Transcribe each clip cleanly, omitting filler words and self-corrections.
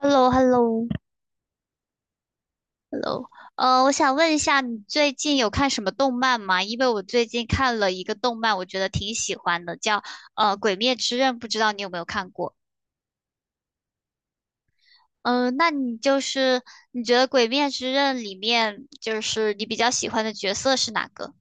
h e l l o h e l l o h e l l o。 我想问一下，你最近有看什么动漫吗？因为我最近看了一个动漫，我觉得挺喜欢的，叫《鬼灭之刃》，不知道你有没有看过？那你就是你觉得《鬼灭之刃》里面就是你比较喜欢的角色是哪个？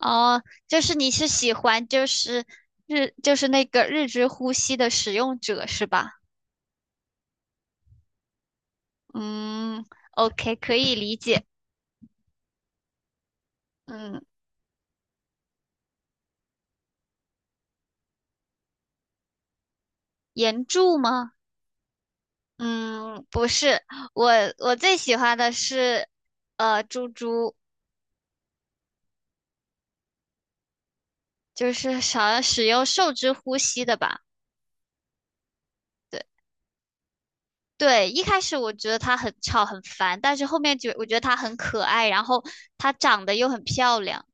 哦、就是你是喜欢就是那个日之呼吸的使用者是吧？嗯，OK，可以理解。嗯，岩柱吗？嗯，不是，我我最喜欢的是，猪猪，就是想使用受之呼吸的吧。对对，一开始我觉得它很吵很烦，但是后面我觉得它很可爱，然后它长得又很漂亮。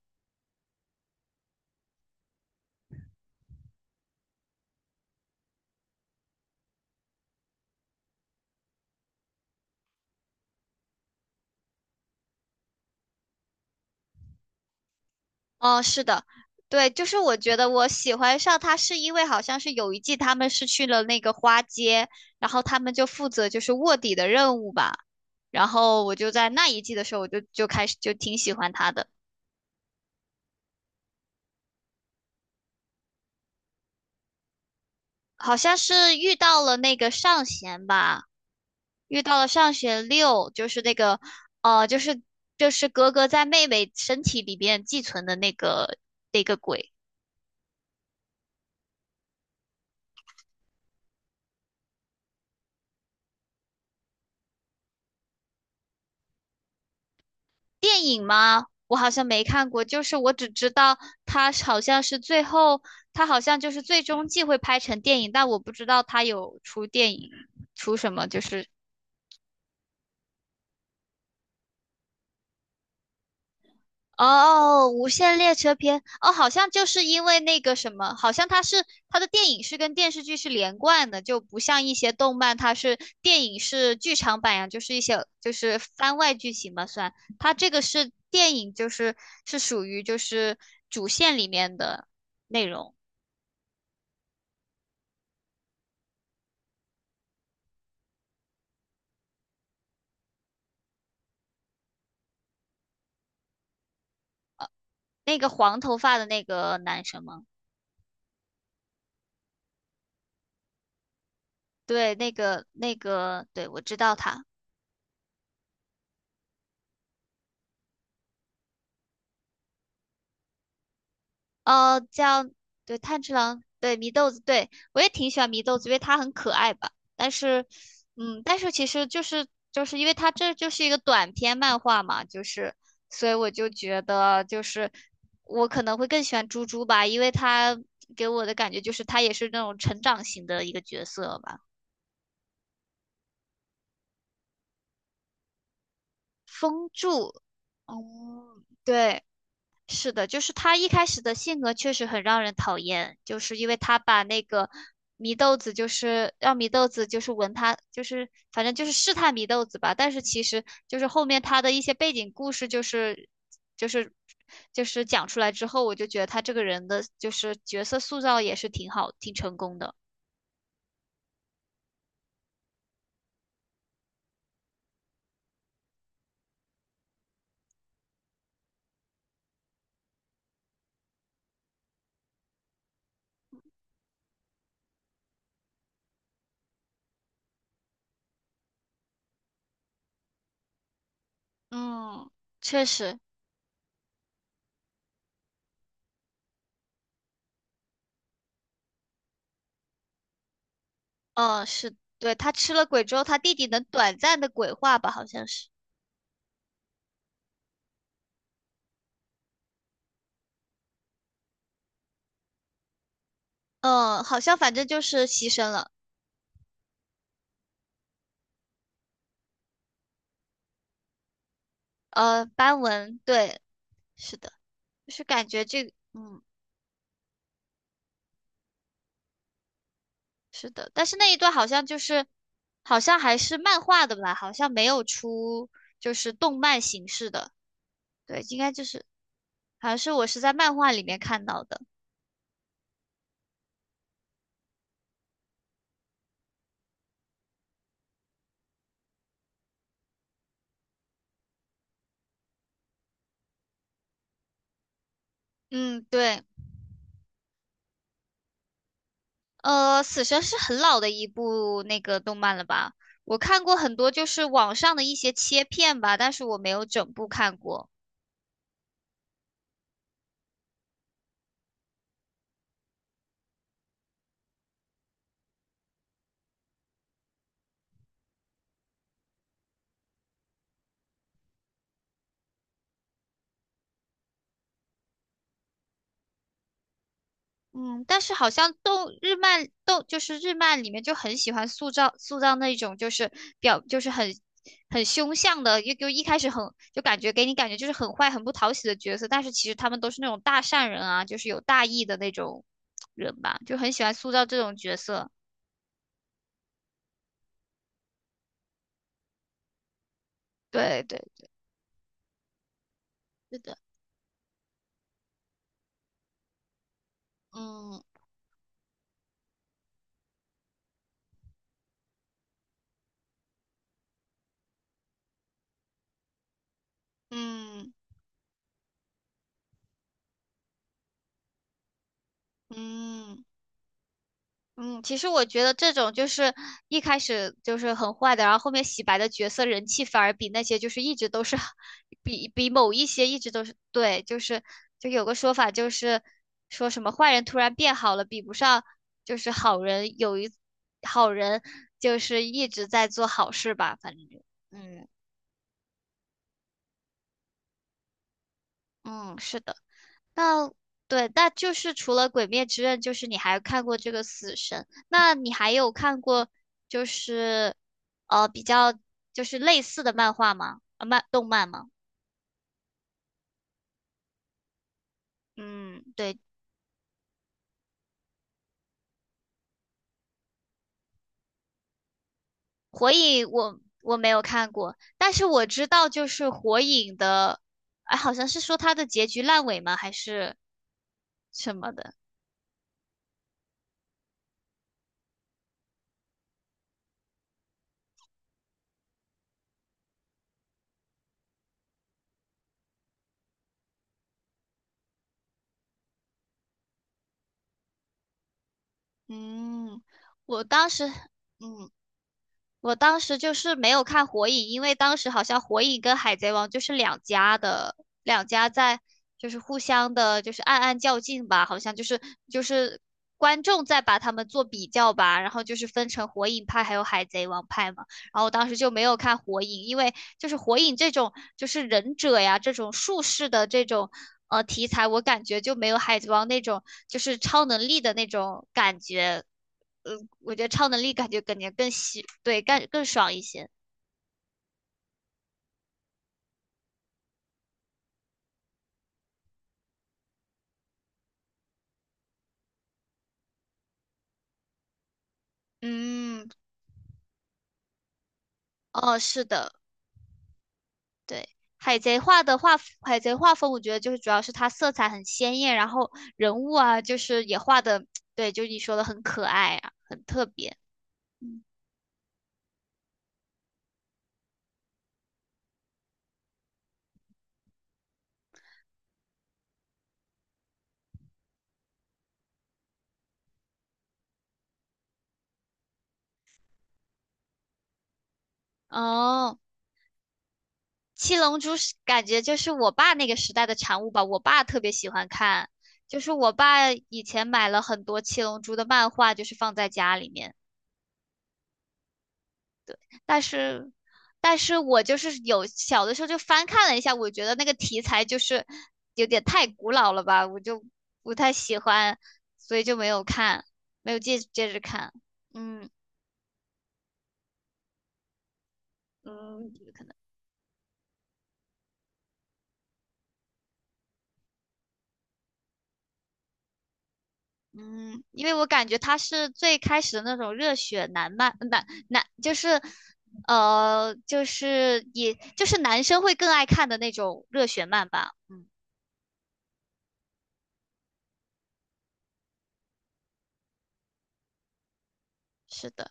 哦，是的，对，就是我觉得我喜欢上它是因为好像是有一季他们是去了那个花街，然后他们就负责就是卧底的任务吧，然后我就在那一季的时候我就开始就挺喜欢它的。好像是遇到了那个上弦吧，遇到了上弦六，就是那个，呃，就是就是格格在妹妹身体里边寄存的那个鬼。电影吗？我好像没看过，就是我只知道他好像是最后，他好像就是最终季会拍成电影，但我不知道他有出电影，出什么就是哦，《无限列车篇》哦，好像就是因为那个什么，好像它的电影是跟电视剧是连贯的，就不像一些动漫，它是电影是剧场版呀，就是一些就是番外剧情嘛，算。它这个是电影，就是是属于就是主线里面的内容。那个黄头发的那个男生吗？对，对，我知道他。叫，对，炭治郎，对，祢豆子，对，我也挺喜欢祢豆子，因为它很可爱吧。但是，但是其实就是因为它这就是一个短篇漫画嘛，就是，所以我就觉得就是我可能会更喜欢猪猪吧，因为它给我的感觉就是它也是那种成长型的一个角色吧。风柱，嗯，对。是的，就是他一开始的性格确实很让人讨厌，就是因为他把那个祢豆子，就是让祢豆子就是闻他，就是反正就是试探祢豆子吧。但是其实就是后面他的一些背景故事，就是就是讲出来之后，我就觉得他这个人的就是角色塑造也是挺好，挺成功的。嗯，确实，嗯，是对他吃了鬼之后，他弟弟能短暂的鬼化吧，好像是，嗯，好像反正就是牺牲了。斑纹，对，是的，就是感觉这个嗯，是的，但是那一段好像就是，好像还是漫画的吧，好像没有出就是动漫形式的，对，应该就是好像是我是在漫画里面看到的，嗯，对，死神是很老的一部那个动漫了吧？我看过很多就是网上的一些切片吧，但是我没有整部看过。嗯，但是好像动日漫动就是日漫里面就很喜欢塑造那种就是就是很凶相的，就一开始很就感觉给你感觉就是很坏很不讨喜的角色，但是其实他们都是那种大善人啊，就是有大义的那种人吧，就很喜欢塑造这种角色。对对，是的，嗯嗯嗯，嗯，其实我觉得这种就是一开始就是很坏的，然后后面洗白的角色人气反而比那些就是一直都是 比某一些一直都是对，就是就有个说法就是说什么坏人突然变好了，比不上就是好人有一好人就是一直在做好事吧，反正就，嗯嗯，是的。那对，那就是除了《鬼灭之刃》，就是你还看过这个《死神》，那你还有看过就是比较就是类似的漫画吗？啊，动漫吗？嗯，对，《火影》我没有看过，但是我知道就是《火影》的，哎，好像是说它的结局烂尾吗？还是什么的？嗯，我当时嗯。我当时就是没有看《火影》，因为当时好像《火影》跟《海贼王》就是两家的，两家在就是互相的，就是暗暗较劲吧，好像就是观众在把他们做比较吧，然后就是分成火影派还有海贼王派嘛。然后我当时就没有看《火影》，因为就是《火影》这种就是忍者呀这种术士的这种题材，我感觉就没有《海贼王》那种就是超能力的那种感觉呃，我觉得超能力感觉对，更爽一些。嗯，哦，是的，对，海贼画的画，海贼画风，我觉得就是主要是它色彩很鲜艳，然后人物啊，就是也画的，对，就是你说的很可爱啊，很特别。哦，七龙珠是感觉就是我爸那个时代的产物吧，我爸特别喜欢看，就是我爸以前买了很多七龙珠的漫画，就是放在家里面。但是，但是我就是有小的时候就翻看了一下，我觉得那个题材就是有点太古老了吧，我就不太喜欢，所以就没有看，没有接着看。嗯嗯，可能嗯，因为我感觉他是最开始的那种热血男漫，男男就是呃，就是也就是男生会更爱看的那种热血漫吧。嗯，是的。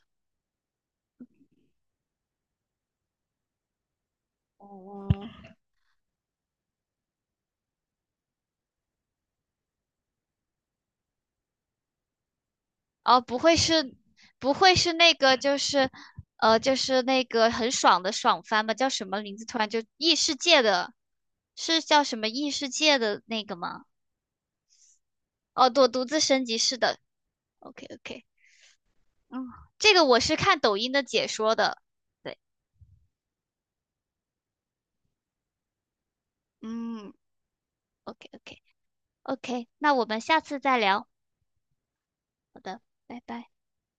嗯。哦，不会是那个，就是，就是那个很爽的爽番吧？叫什么名字？突然就异世界的，是叫什么异世界的那个吗？哦，我独自升级是的。OK OK，嗯，这个我是看抖音的解说的。对，嗯，OK OK OK，那我们下次再聊。好的，拜拜。